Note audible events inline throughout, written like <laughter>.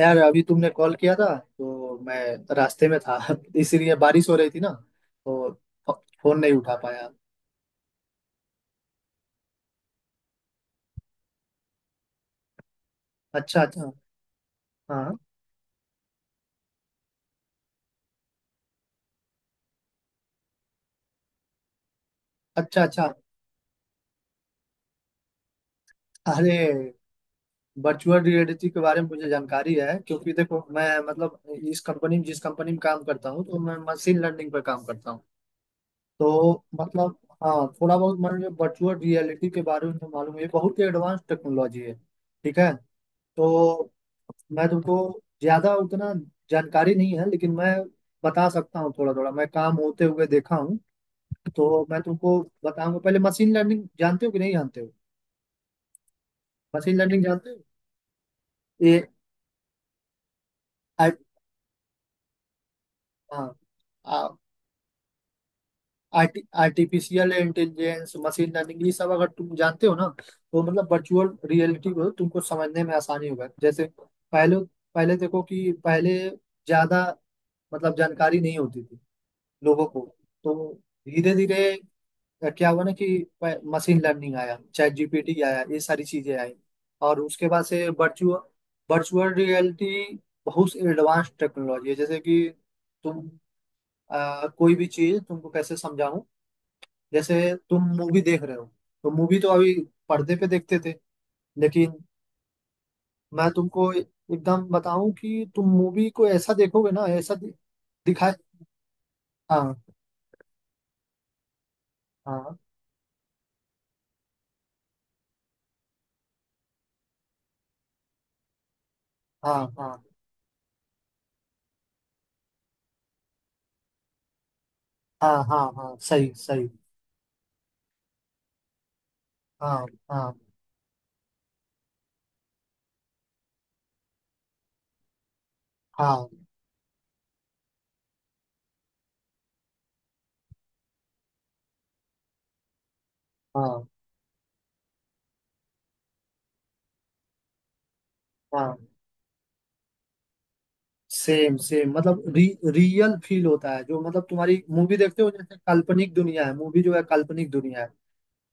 यार अभी तुमने कॉल किया था तो मैं रास्ते में था <laughs> इसीलिए बारिश हो रही थी ना तो फोन नहीं उठा पाया। अच्छा अच्छा। हाँ। अच्छा अच्छा। अरे वर्चुअल रियलिटी के बारे में मुझे जानकारी है क्योंकि देखो मैं मतलब इस कंपनी में जिस कंपनी में काम करता हूँ तो मैं मशीन लर्निंग पर काम करता हूँ तो मतलब हाँ थोड़ा बहुत मुझे वर्चुअल रियलिटी के बारे में तो मालूम है। ये बहुत ही एडवांस टेक्नोलॉजी है ठीक है। तो मैं तुमको ज्यादा उतना जानकारी नहीं है लेकिन मैं बता सकता हूँ थोड़ा थोड़ा मैं काम होते हुए देखा हूँ। तो मैं तुमको बताऊंगा पहले मशीन लर्निंग जानते हो कि नहीं जानते हो। मशीन लर्निंग जानते हो? ये आर्ट हाँ आ- आर्टि, आर्टिफिशियल इंटेलिजेंस मशीन लर्निंग ये सब अगर तुम जानते हो ना तो मतलब वर्चुअल रियलिटी को तुमको समझने में आसानी होगा। जैसे पहले पहले देखो कि पहले ज्यादा मतलब जानकारी नहीं होती थी लोगों को। तो धीरे धीरे क्या हुआ ना कि मशीन लर्निंग आया चैट जीपीटी आया ये सारी चीजें आई। और उसके बाद से वर्चुअल वर्चुअल रियलिटी बहुत एडवांस टेक्नोलॉजी है। जैसे कि तुम कोई भी चीज तुमको कैसे समझाऊं। जैसे तुम मूवी देख रहे हो तो मूवी तो अभी पर्दे पे देखते थे लेकिन मैं तुमको एकदम बताऊं कि तुम मूवी को ऐसा देखोगे ना ऐसा दिखा। हाँ हाँ हाँ। हाँ हाँ हाँ। हाँ सही सही। हाँ हाँ हाँ। हाँ हाँ। सेम सेम मतलब रियल फील होता है। जो मतलब तुम्हारी मूवी देखते हो जैसे काल्पनिक दुनिया है, मूवी जो है काल्पनिक दुनिया है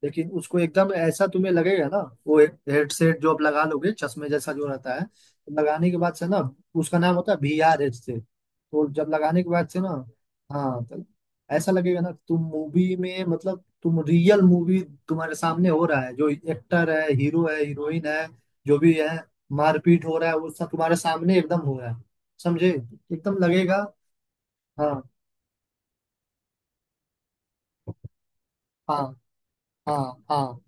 लेकिन उसको एकदम ऐसा तुम्हें लगेगा ना वो हेडसेट जो आप लगा लोगे चश्मे जैसा जो रहता है तो लगाने के बाद से ना उसका नाम होता है VR हेडसेट। तो जब लगाने के बाद से ना, हाँ, तो ऐसा लगेगा ना तुम मूवी में मतलब तुम रियल मूवी तुम्हारे सामने हो रहा है। जो एक्टर है हीरो है हीरोइन है जो भी है मारपीट हो रहा है वो सब तुम्हारे सामने एकदम हो रहा है। समझे? एकदम लगेगा। हाँ हाँ हाँ हाँ।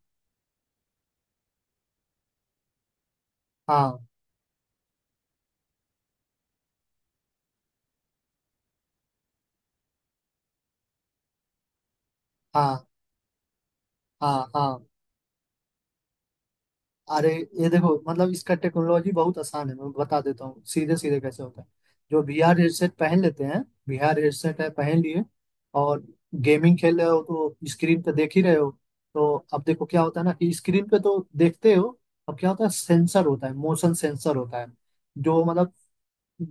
हाँ हाँ हाँ हाँ। अरे ये देखो मतलब इसका टेक्नोलॉजी बहुत आसान है मैं बता देता हूँ सीधे सीधे कैसे होता है। जो VR हेडसेट पहन लेते हैं, VR हेडसेट है पहन लिए, और गेमिंग खेल रहे हो तो स्क्रीन पे देख ही रहे हो। तो अब देखो क्या होता है ना कि स्क्रीन पे तो देखते हो। अब क्या होता है सेंसर होता है, मोशन सेंसर होता है, जो मतलब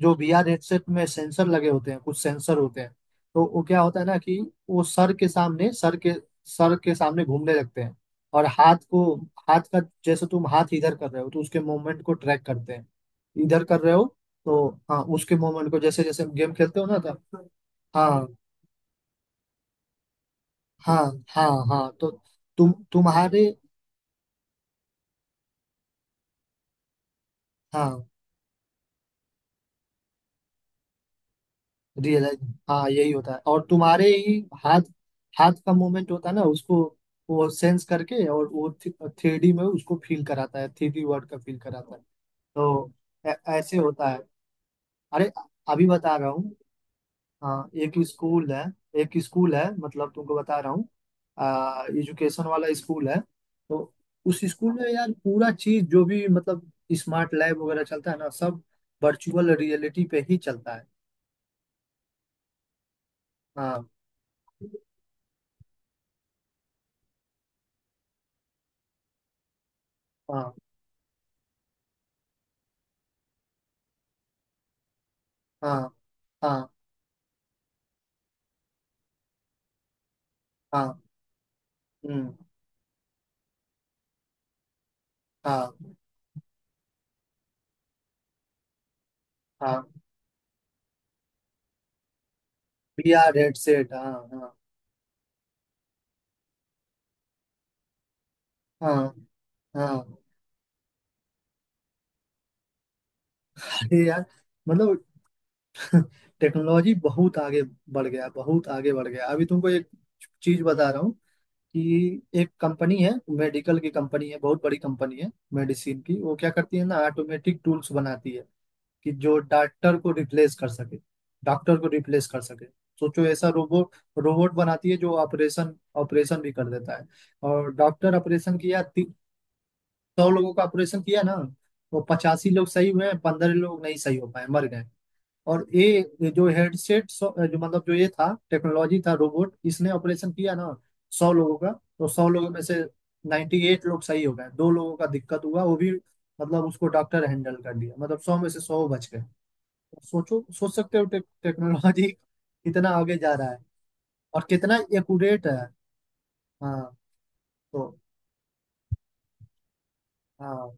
जो VR हेडसेट में सेंसर लगे होते हैं कुछ सेंसर होते हैं। तो वो क्या होता है ना कि वो सर के सामने घूमने लगते हैं। और हाथ को हाथ का जैसे तुम हाथ इधर कर रहे हो तो उसके मूवमेंट को ट्रैक करते हैं। इधर कर रहे हो तो हाँ उसके मूवमेंट को जैसे जैसे हम गेम खेलते हो ना तब। हाँ हाँ। हाँ हाँ। तो तुम्हारे हाँ रियलाइज हाँ यही होता है। और तुम्हारे ही हाथ हाथ का मूवमेंट होता है ना उसको वो सेंस करके और वो थ्री डी में उसको फील कराता है, 3D वर्ल्ड का फील कराता है। तो ऐसे होता है। अरे अभी बता रहा हूँ। हाँ एक स्कूल है, एक स्कूल है मतलब तुमको बता रहा हूँ, आ एजुकेशन वाला स्कूल है। तो उस स्कूल में यार पूरा चीज जो भी मतलब स्मार्ट लैब वगैरह चलता है ना सब वर्चुअल रियलिटी पे ही चलता है। हाँ हाँ हाँ। हाँ हाँ हम्म। हाँ हाँ। BR हेडसेट हाँ हाँ। हाँ हाँ। अरे यार मतलब टेक्नोलॉजी बहुत आगे बढ़ गया, बहुत आगे बढ़ गया। अभी तुमको एक चीज बता रहा हूँ कि एक कंपनी है मेडिकल की कंपनी है, बहुत बड़ी कंपनी है मेडिसिन की। वो क्या करती है ना ऑटोमेटिक टूल्स बनाती है कि जो डॉक्टर को रिप्लेस कर सके। डॉक्टर को रिप्लेस कर सके। सोचो ऐसा रोबोट, रोबोट बनाती है जो ऑपरेशन, ऑपरेशन भी कर देता है। और डॉक्टर ऑपरेशन किया, 100 लोगों का ऑपरेशन किया ना, वो 85 लोग सही हुए, 15 लोग नहीं सही हो पाए मर गए। और ये जो हेडसेट जो मतलब जो ये था टेक्नोलॉजी था रोबोट इसने ऑपरेशन किया ना 100 लोगों का। तो 100 लोगों में से 98 लोग सही हो गए, दो लोगों का दिक्कत हुआ वो भी मतलब उसको डॉक्टर हैंडल कर लिया, मतलब 100 में से 100 बच गए। सोचो सोच सकते हो टेक्नोलॉजी कितना आगे जा रहा है और कितना एक्यूरेट है। हाँ। तो हाँ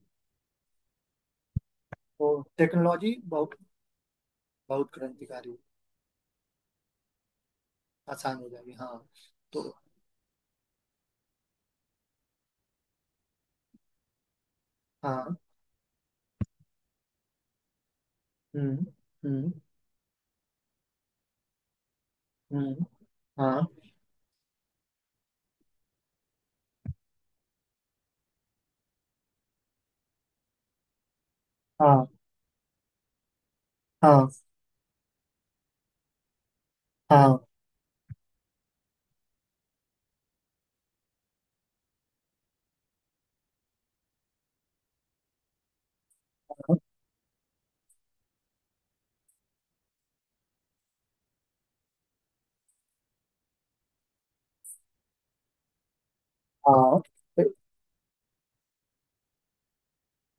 तो टेक्नोलॉजी बहुत बहुत क्रांतिकारी आसान हो जाएगी हाँ। तो हाँ। हम्म हम्म हम्म। हाँ हाँ हाँ हाँ। हाँ हाँ हाँ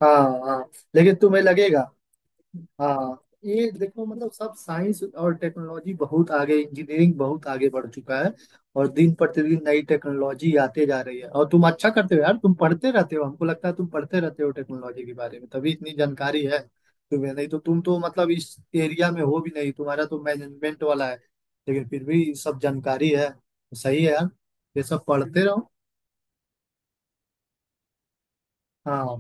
हाँ, हाँ, हाँ, लेकिन तुम्हें लगेगा। हाँ ये देखो मतलब सब साइंस और टेक्नोलॉजी बहुत आगे, इंजीनियरिंग बहुत आगे बढ़ चुका है। और दिन प्रतिदिन नई टेक्नोलॉजी आते जा रही है और तुम अच्छा करते हो यार, तुम पढ़ते रहते हो, हमको लगता है तुम पढ़ते रहते हो टेक्नोलॉजी के बारे में तभी इतनी जानकारी है तुम्हें। नहीं तो तुम तो मतलब इस एरिया में हो भी नहीं, तुम्हारा तो मैनेजमेंट वाला है लेकिन फिर भी सब जानकारी है। सही है यार, ये सब पढ़ते रहो। हाँ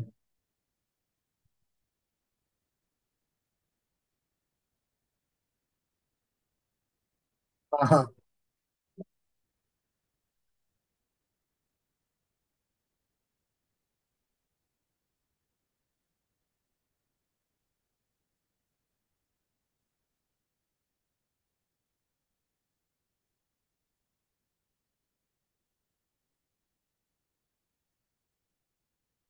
हाँ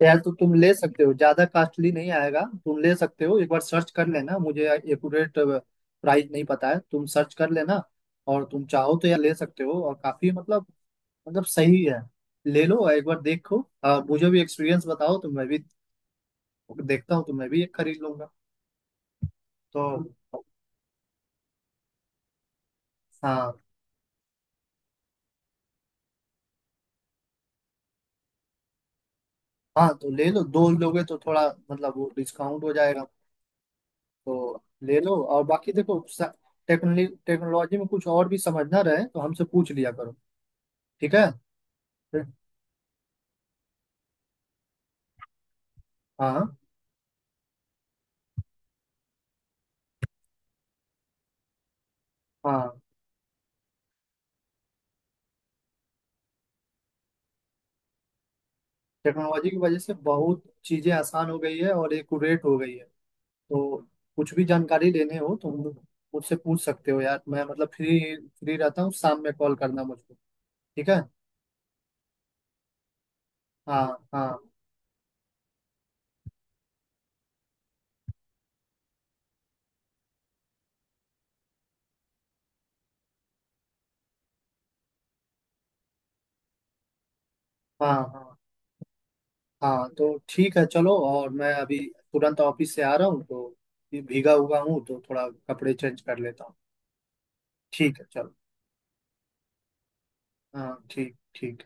यार तो तुम ले सकते हो, ज्यादा कॉस्टली नहीं आएगा, तुम ले सकते हो। एक बार सर्च कर लेना, मुझे एक्यूरेट प्राइस नहीं पता है, तुम सर्च कर लेना। और तुम चाहो तो यार ले सकते हो और काफी मतलब मतलब सही है। ले लो एक बार देखो, और मुझे भी एक्सपीरियंस बताओ तो मैं भी देखता हूँ तो मैं भी एक खरीद लूंगा। तो हाँ हाँ तो ले लो, दो लोगे तो थोड़ा मतलब वो डिस्काउंट हो जाएगा। तो ले लो और बाकी देखो। टेक्नोलॉजी टेक्नोलॉजी में कुछ और भी समझना रहे तो हमसे पूछ लिया करो ठीक है। हाँ हाँ टेक्नोलॉजी की वजह से बहुत चीजें आसान हो गई है और एक्यूरेट हो गई है। तो कुछ भी जानकारी लेने हो तो मुझसे पूछ सकते हो यार, मैं मतलब फ्री फ्री रहता हूँ, शाम में कॉल करना मुझको ठीक है। हाँ हाँ हाँ हाँ हाँ तो ठीक है चलो, और मैं अभी तुरंत ऑफिस से आ रहा हूँ तो ये भीगा हुआ हूँ तो थोड़ा कपड़े चेंज कर लेता हूँ ठीक है चलो। हाँ ठीक ठीक।